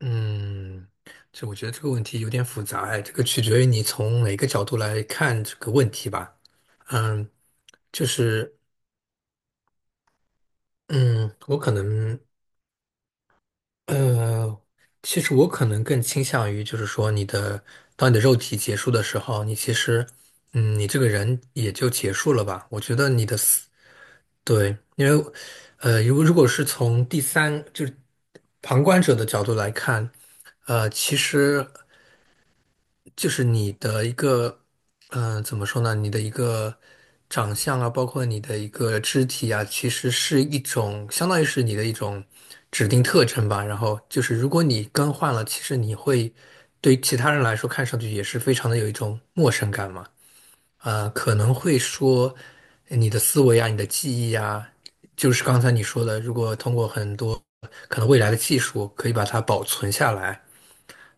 嗯，这我觉得这个问题有点复杂哎，这个取决于你从哪个角度来看这个问题吧。嗯，就是嗯，我可能呃，其实我可能更倾向于就是说，当你的肉体结束的时候，你其实嗯，你这个人也就结束了吧。我觉得你的思对，因为如果是从第三就是旁观者的角度来看。其实就是你的一个，怎么说呢？你的一个长相啊，包括你的一个肢体啊，其实是一种，相当于是你的一种指定特征吧。然后就是，如果你更换了，其实你会对其他人来说看上去也是非常的有一种陌生感嘛。啊，可能会说你的思维啊，你的记忆啊，就是刚才你说的，如果通过很多可能未来的技术可以把它保存下来，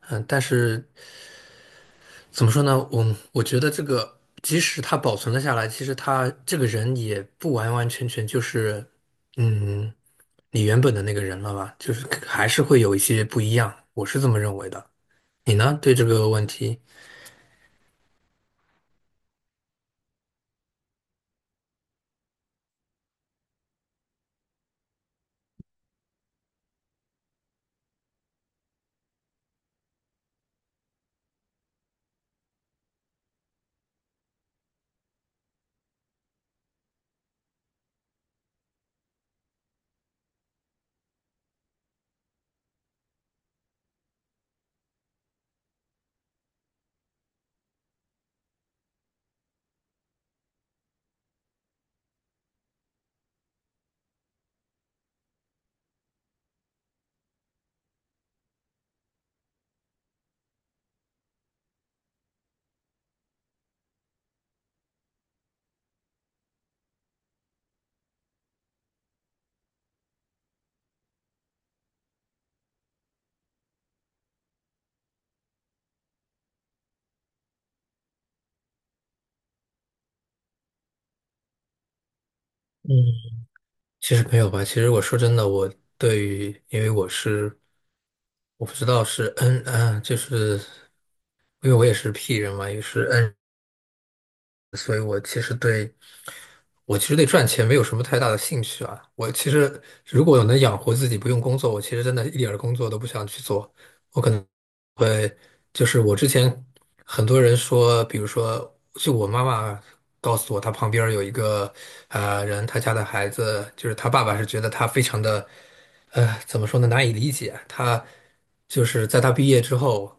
但是。怎么说呢？我觉得这个，即使他保存了下来，其实他这个人也不完完全全就是，嗯，你原本的那个人了吧？就是还是会有一些不一样，我是这么认为的。你呢？对这个问题？嗯，其实没有吧。其实我说真的，我对于，因为我是，我不知道是 N 啊，就是因为我也是 P 人嘛，也是 N。 所以我其实对赚钱没有什么太大的兴趣啊。我其实如果能养活自己不用工作，我其实真的一点儿工作都不想去做。我可能。会。就是我之前很多人说，比如说，就我妈妈告诉我，她旁边儿有一个人，她家的孩子，就是她爸爸是觉得她非常的，怎么说呢，难以理解。她就是在他毕业之后，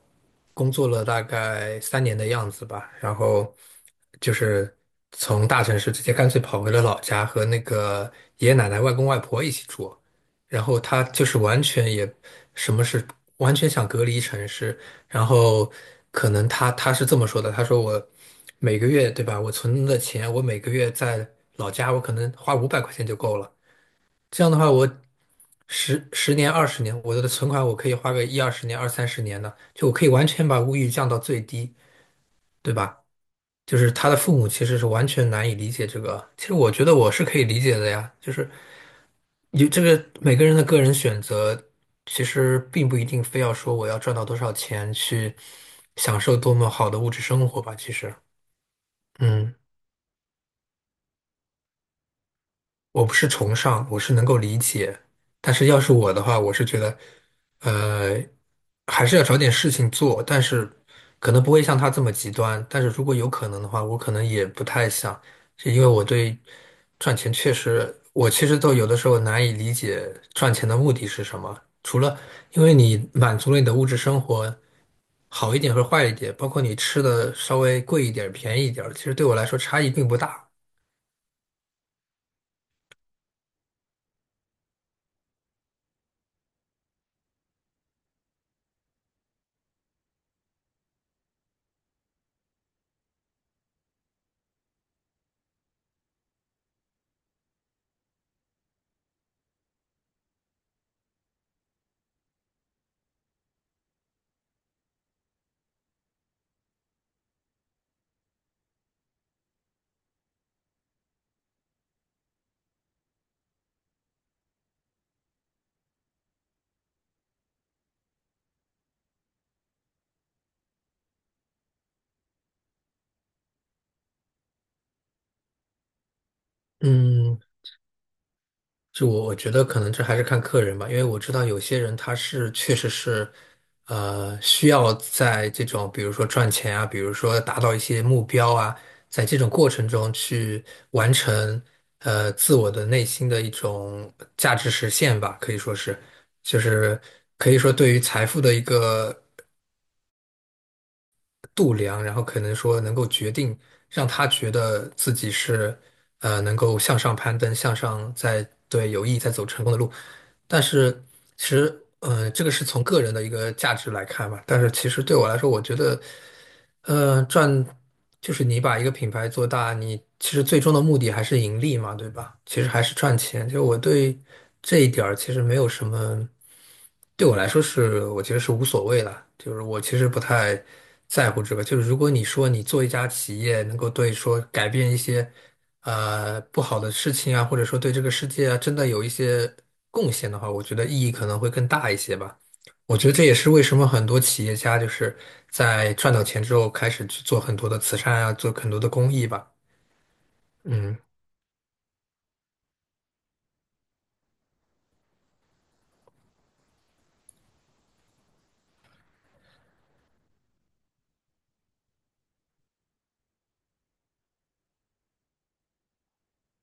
工作了大概3年的样子吧，然后就是从大城市直接干脆跑回了老家，和那个爷爷奶奶、外公外婆一起住。然后他就是完全也什么是完全想隔离城市，然后可能他是这么说的，他说我每个月对吧，我存的钱，我每个月在老家，我可能花500块钱就够了。这样的话，我十年、二十年，我的存款我可以花个一二十年、二三十年的，就我可以完全把物欲降到最低，对吧？就是他的父母其实是完全难以理解这个，其实我觉得我是可以理解的呀，就是。有这个每个人的个人选择，其实并不一定非要说我要赚到多少钱去享受多么好的物质生活吧。其实，嗯，我不是崇尚，我是能够理解。但是要是我的话，我是觉得，呃，还是要找点事情做，但是可能不会像他这么极端。但是如果有可能的话，我可能也不太想，是因为我对赚钱确实，我其实都有的时候难以理解赚钱的目的是什么。除了因为你满足了你的物质生活好一点和坏一点，包括你吃的稍微贵一点、便宜一点，其实对我来说差异并不大。嗯，就我觉得可能这还是看客人吧，因为我知道有些人他是确实是，需要在这种比如说赚钱啊，比如说达到一些目标啊，在这种过程中去完成自我的内心的一种价值实现吧，可以说是，就是可以说对于财富的一个度量，然后可能说能够决定让他觉得自己是能够向上攀登，向上在对有意在走成功的路。但是其实，这个是从个人的一个价值来看吧。但是其实对我来说，我觉得。呃，赚就是你把一个品牌做大，你其实最终的目的还是盈利嘛，对吧？其实还是赚钱。就我对这一点儿其实没有什么，对我来说是我觉得是无所谓了。就是我其实不太在乎这个。就是如果你说你做一家企业能够对说改变一些不好的事情啊，或者说对这个世界啊真的有一些贡献的话，我觉得意义可能会更大一些吧。我觉得这也是为什么很多企业家就是在赚到钱之后开始去做很多的慈善啊，做很多的公益吧。嗯，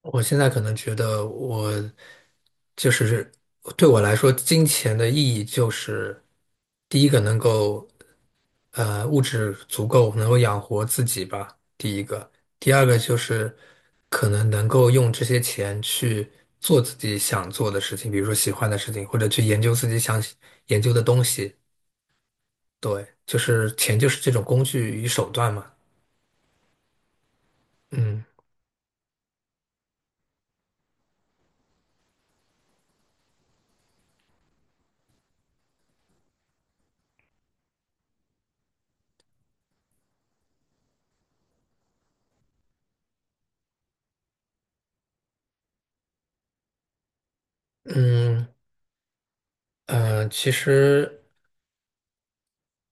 我现在可能觉得我就是对我来说，金钱的意义就是第一个能够物质足够能够养活自己吧，第一个，第二个就是可能能够用这些钱去做自己想做的事情，比如说喜欢的事情，或者去研究自己想研究的东西。对，就是钱就是这种工具与手段嘛。嗯嗯。其实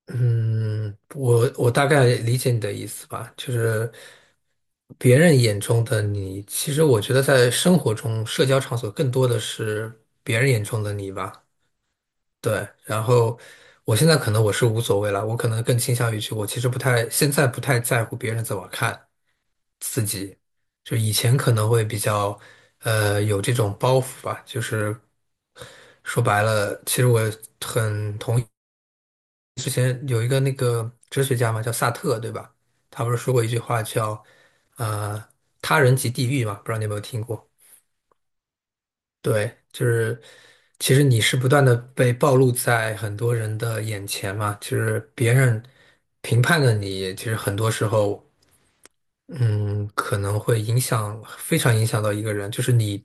嗯，我大概理解你的意思吧，就是别人眼中的你，其实我觉得在生活中，社交场所更多的是别人眼中的你吧。对，然后我现在可能我是无所谓了，我可能更倾向于去，我其实不太，现在不太在乎别人怎么看，自己，就以前可能会比较有这种包袱吧，就是说白了，其实我之前有一个那个哲学家嘛，叫萨特，对吧？他不是说过一句话叫呃“他人即地狱"嘛，不知道你有没有听过？对，就是其实你是不断的被暴露在很多人的眼前嘛，就是别人评判的你，其实很多时候。嗯，可能会影响，非常影响到一个人，就是你，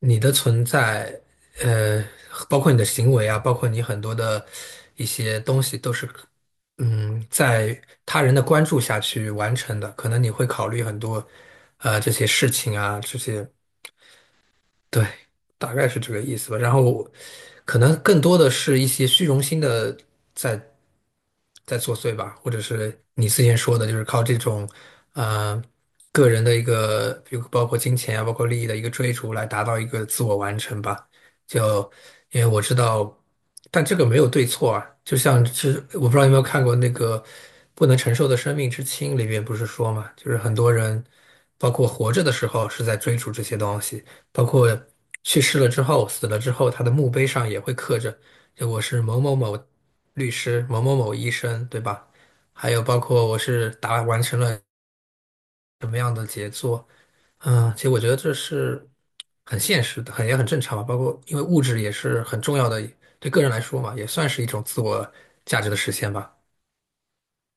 你的存在，呃，包括你的行为啊，包括你很多的一些东西，都是，在他人的关注下去完成的。可能你会考虑很多，这些事情啊，这些。对，大概是这个意思吧。然后，可能更多的是一些虚荣心的在在作祟吧，或者是你之前说的，就是靠这种呃个人的一个，比如包括金钱啊，包括利益的一个追逐，来达到一个自我完成吧。就因为我知道，但这个没有对错啊。就像是我不知道有没有看过那个《不能承受的生命之轻》里面不是说嘛，就是很多人包括活着的时候是在追逐这些东西。包括去世了之后、死了之后，他的墓碑上也会刻着，就我是某某某律师、某某某医生，对吧？还有包括我是完成了，嗯，其实我觉得这是很现实的，很也很正常吧。包括因为物质也是很重要的，对个人来说嘛，也算是一种自我价值的实现吧。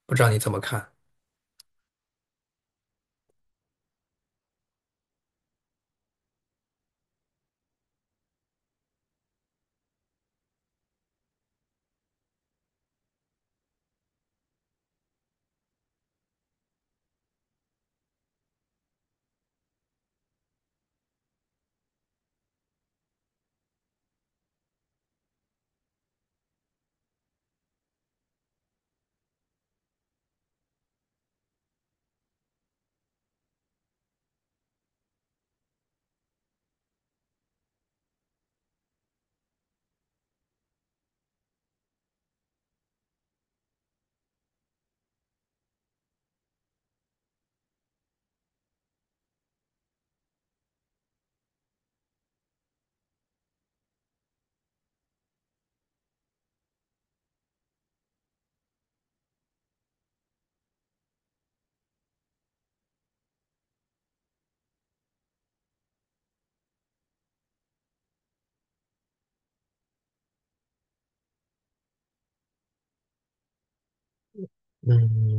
不知道你怎么看？嗯。